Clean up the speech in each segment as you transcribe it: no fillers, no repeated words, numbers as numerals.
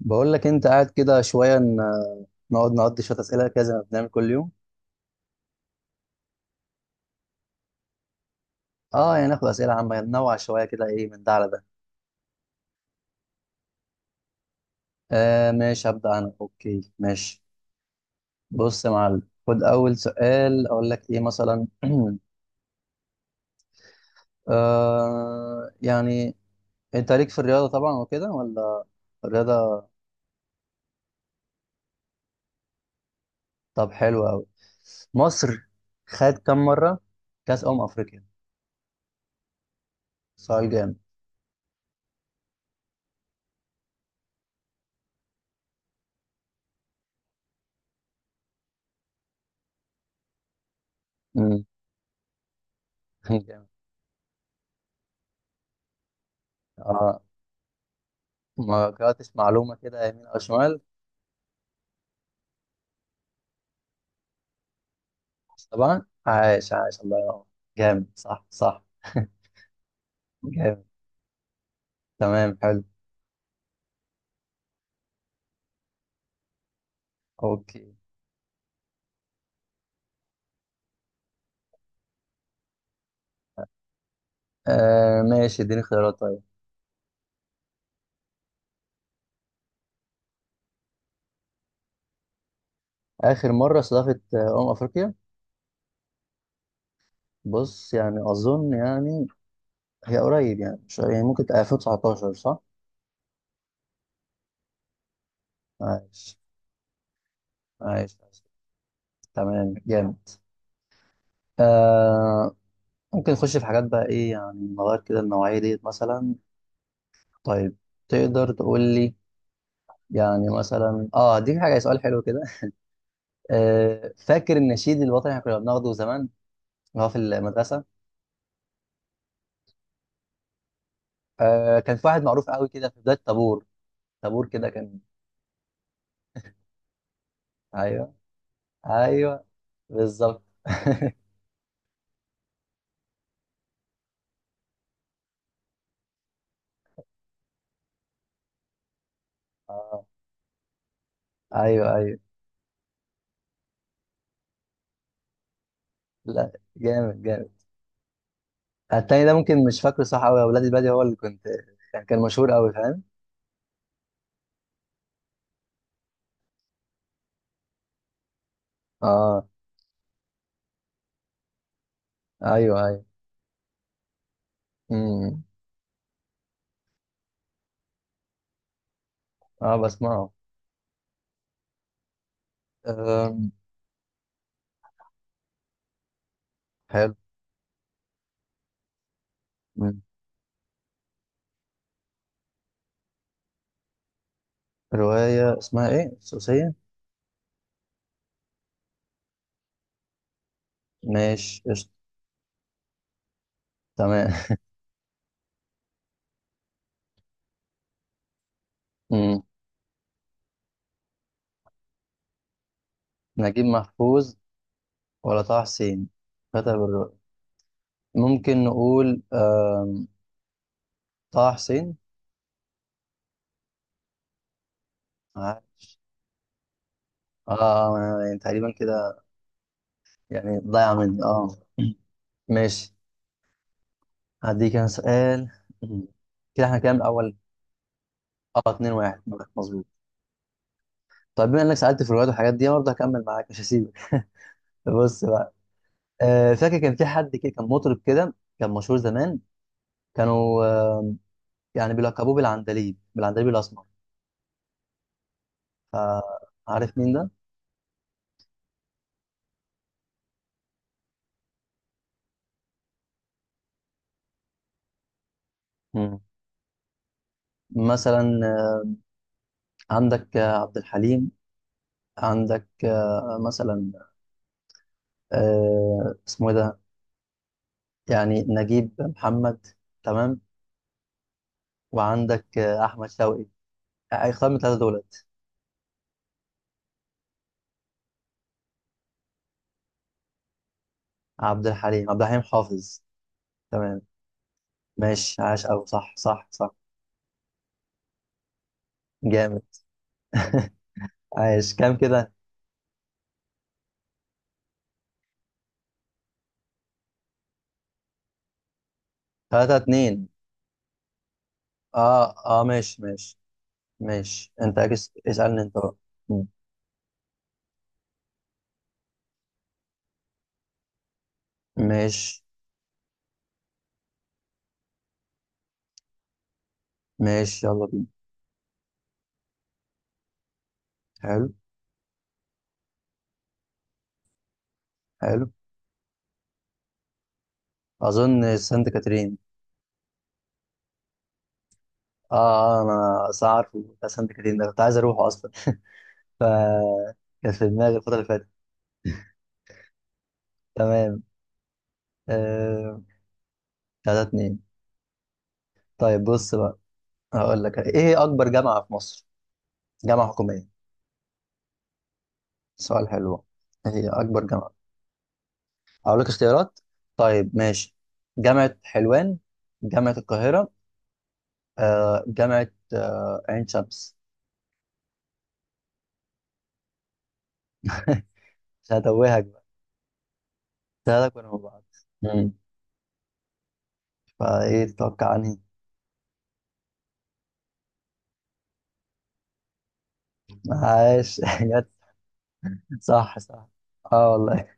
بقول لك انت قاعد كده شويه نقعد نقضي شويه اسئله كده زي ما بنعمل كل يوم. اه يعني ناخد اسئله عامه، ننوع شويه كده، ايه من ده على ده. ماشي هبدا انا، اوكي ماشي. بص يا معلم، خد اول سؤال اقول لك ايه مثلا. يعني انت ليك في الرياضه طبعا وكده ولا؟ الرياضه. طب حلو قوي. مصر خد كم مره كاس افريقيا؟ سؤال جامد. مم. جامد. اه، ما قرأتش معلومه كده يمين او شمال. طبعا، عايش عايش، الله ينور. جامد، صح صح. جامد. تمام حلو. اوكي، ماشي اديني خيارات طيب. اخر مره استضافت افريقيا؟ بص يعني اظن يعني هي قريب يعني مش يعني، ممكن تبقى 2019 صح؟ عايش عايش عايش. تمام جامد. آه ممكن نخش في حاجات بقى، ايه يعني نغير كده النوعيه ديت مثلا. طيب، تقدر تقول لي، يعني مثلا اه دي حاجه، سؤال حلو كده. آه، فاكر النشيد الوطني اللي احنا كنا بناخده زمان هو في المدرسه؟ آه، كان في واحد معروف قوي كده في بدايه طابور. طابور كده كان. ايوه ايوه، بالظبط. آه. ايوه ايوه. لا جامد جامد. التاني ده ممكن مش فاكره صح قوي، اولاد البادي هو اللي كنت يعني كان مشهور قوي، فاهم. اه، ايوه ايوه. امم. اه بسمعه. أم. حلو. أمم. روايه اسمها ايه، السوسيه؟ ماشي قشطه. تمام. أمم. نجيب محفوظ ولا طه حسين كتب الروايه؟ ممكن نقول طه حسين. اه، آه، أنا يعني تقريبا كده، يعني ضايع مني اه. ماشي، هديك انا سؤال. مم. كده احنا كام الاول؟ اه، 2 1. مظبوط. طيب بما انك سالت في الروايات والحاجات دي برضه، هكمل معاك مش هسيبك. بص بقى. آه فاكر كان في حد كده كان مطرب كده كان مشهور زمان، كانوا يعني بيلقبوه بالعندليب، بالعندليب الاسمر. فعارف مين ده؟ مم. مثلا عندك عبد الحليم، عندك مثلا، اسمه ايه ده، يعني نجيب محمد، تمام، وعندك احمد شوقي. اختار من الثلاثه دولت. عبد الحليم، عبد الحليم حافظ. تمام. ماشي عاش، او صح صح صح. جامد، عاش كام كده؟ ثلاثة اتنين. اه اه، ماشي ماشي. ماشي انت اكس، اسألني انت بقى. مم. ماشي، ماشي يلا بينا. حلو. حلو، اظن سانت كاترين. اه، انا أصل عارفه بتاع سانت كاترين ده، كنت عايز اروحه اصلا. ف كان في دماغي الفترة اللي فاتت. تمام. آه، تلاتة اتنين. طيب بص بقى، هقول لك ايه هي اكبر جامعة في مصر، جامعة حكومية؟ سؤال حلو. ايه هي اكبر جامعة؟ هقول لك اختيارات. طيب ماشي، جامعة حلوان، جامعة القاهرة، جامعة، عين شمس. مش هتوهك بقى، تلاتة كنا مع بعض. مم. فايه تتوقع عني؟ عاش. جت صح صح. اه والله.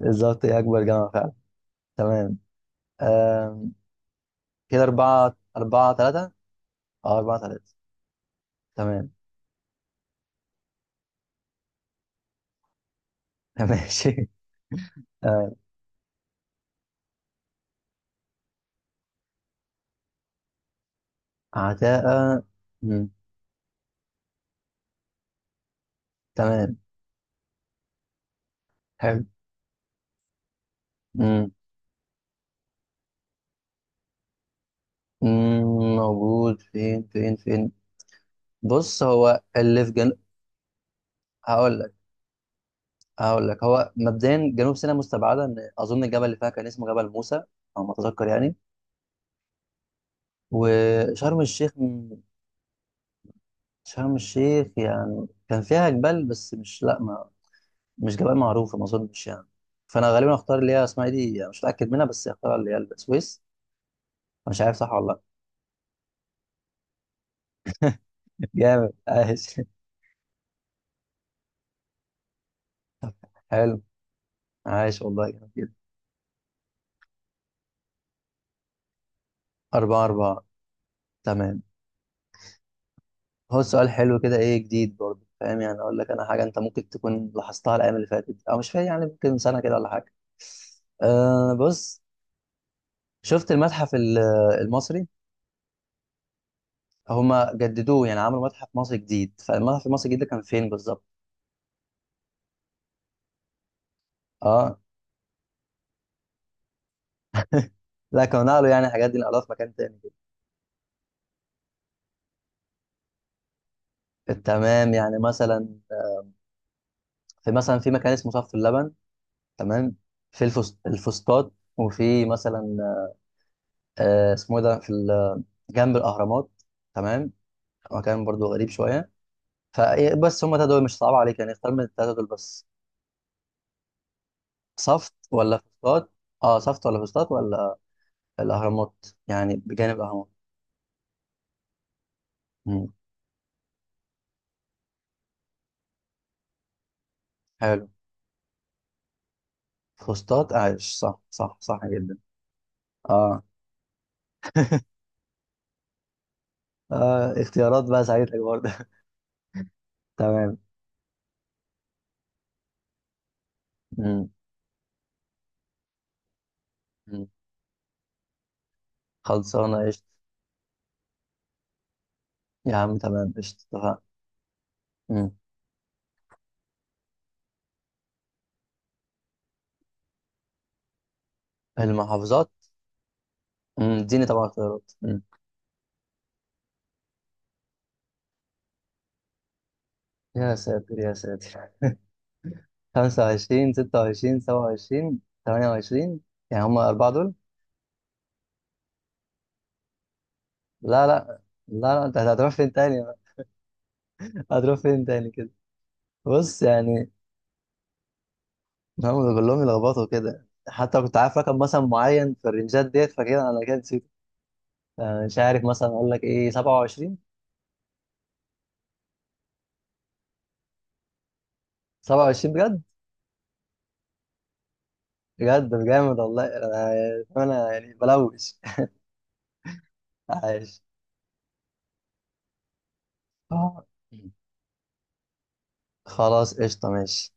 بالظبط، هي اكبر جامعة فعلا. تمام. آم، كده أربعة أربعة تلاتة. اه، أربعة تلاتة. تمام. ماشي. آه، عداء. مم. تمام، حلو. مم. مم، موجود فين فين فين؟ بص، هو اللي في جنوب. هقول لك، هقول لك، هو مبدئيا جنوب سيناء مستبعده، ان اظن الجبل اللي فيها كان اسمه جبل موسى، او ما اتذكر يعني. وشرم الشيخ مم. شرم الشيخ يعني كان فيها جبال، بس مش لا ما مش جبال معروفه، ما اظنش يعني. فانا غالبا اختار اللي هي اسمها إيه دي، يعني مش متاكد منها، بس اختار اللي هي السويس. مش عارف صح ولا لا. جامد عايش. حلو. عايش والله، جامد. أربعة أربعة. تمام. هو سؤال حلو كده، إيه جديد برضه، فاهم يعني أقول لك أنا حاجة أنت ممكن تكون لاحظتها الأيام اللي فاتت، أو مش فاهم يعني ممكن من سنة كده ولا حاجة. أه بص، شفت المصري؟ هما جددوه يعني عملوا متحف مصري جديد، فالمتحف المصري الجديد ده كان فين بالظبط؟ أه لا، كانوا نقلوا يعني الحاجات دي، نقلوها في مكان تاني كده. تمام يعني مثلا، في مثلا في مكان اسمه صف اللبن، تمام، في الفسطاط، وفي مثلا اسمه إيه ده، جنب الأهرامات. تمام. هو كان برضو غريب شويه، فبس هما التلاتة دول مش صعب عليك يعني، اختار من التلاتة دول بس. صفت ولا فسطاط؟ اه صفت ولا فسطاط ولا الاهرامات، يعني بجانب الاهرامات. مم. حلو. فسطاط، عايش صح صح صح جدا. اه. آه، اختيارات بقى ساعدتك برضه. تمام. مم. مم. خلصانه قشطه. يا عم تمام قشطه، اتفقنا. مم. المحافظات؟ مم، اديني طبعا اختيارات. مم. يا ساتر يا ساتر. 25 26 27 28، يعني هما أربعة دول. لا لا، لا لا، انت هتروح فين تاني بقى؟ هتروح فين تاني كده. بص يعني، هم كلهم يلخبطوا كده، حتى كنت عارف رقم مثلا معين في الرنجات ديت، فكده انا كده نسيت. أنا مش عارف، مثلا اقول لك ايه، 27. 27 بجد؟ بجد جامد والله. أنا يعني بلوش. عايش. آه. خلاص قشطه، ماشي.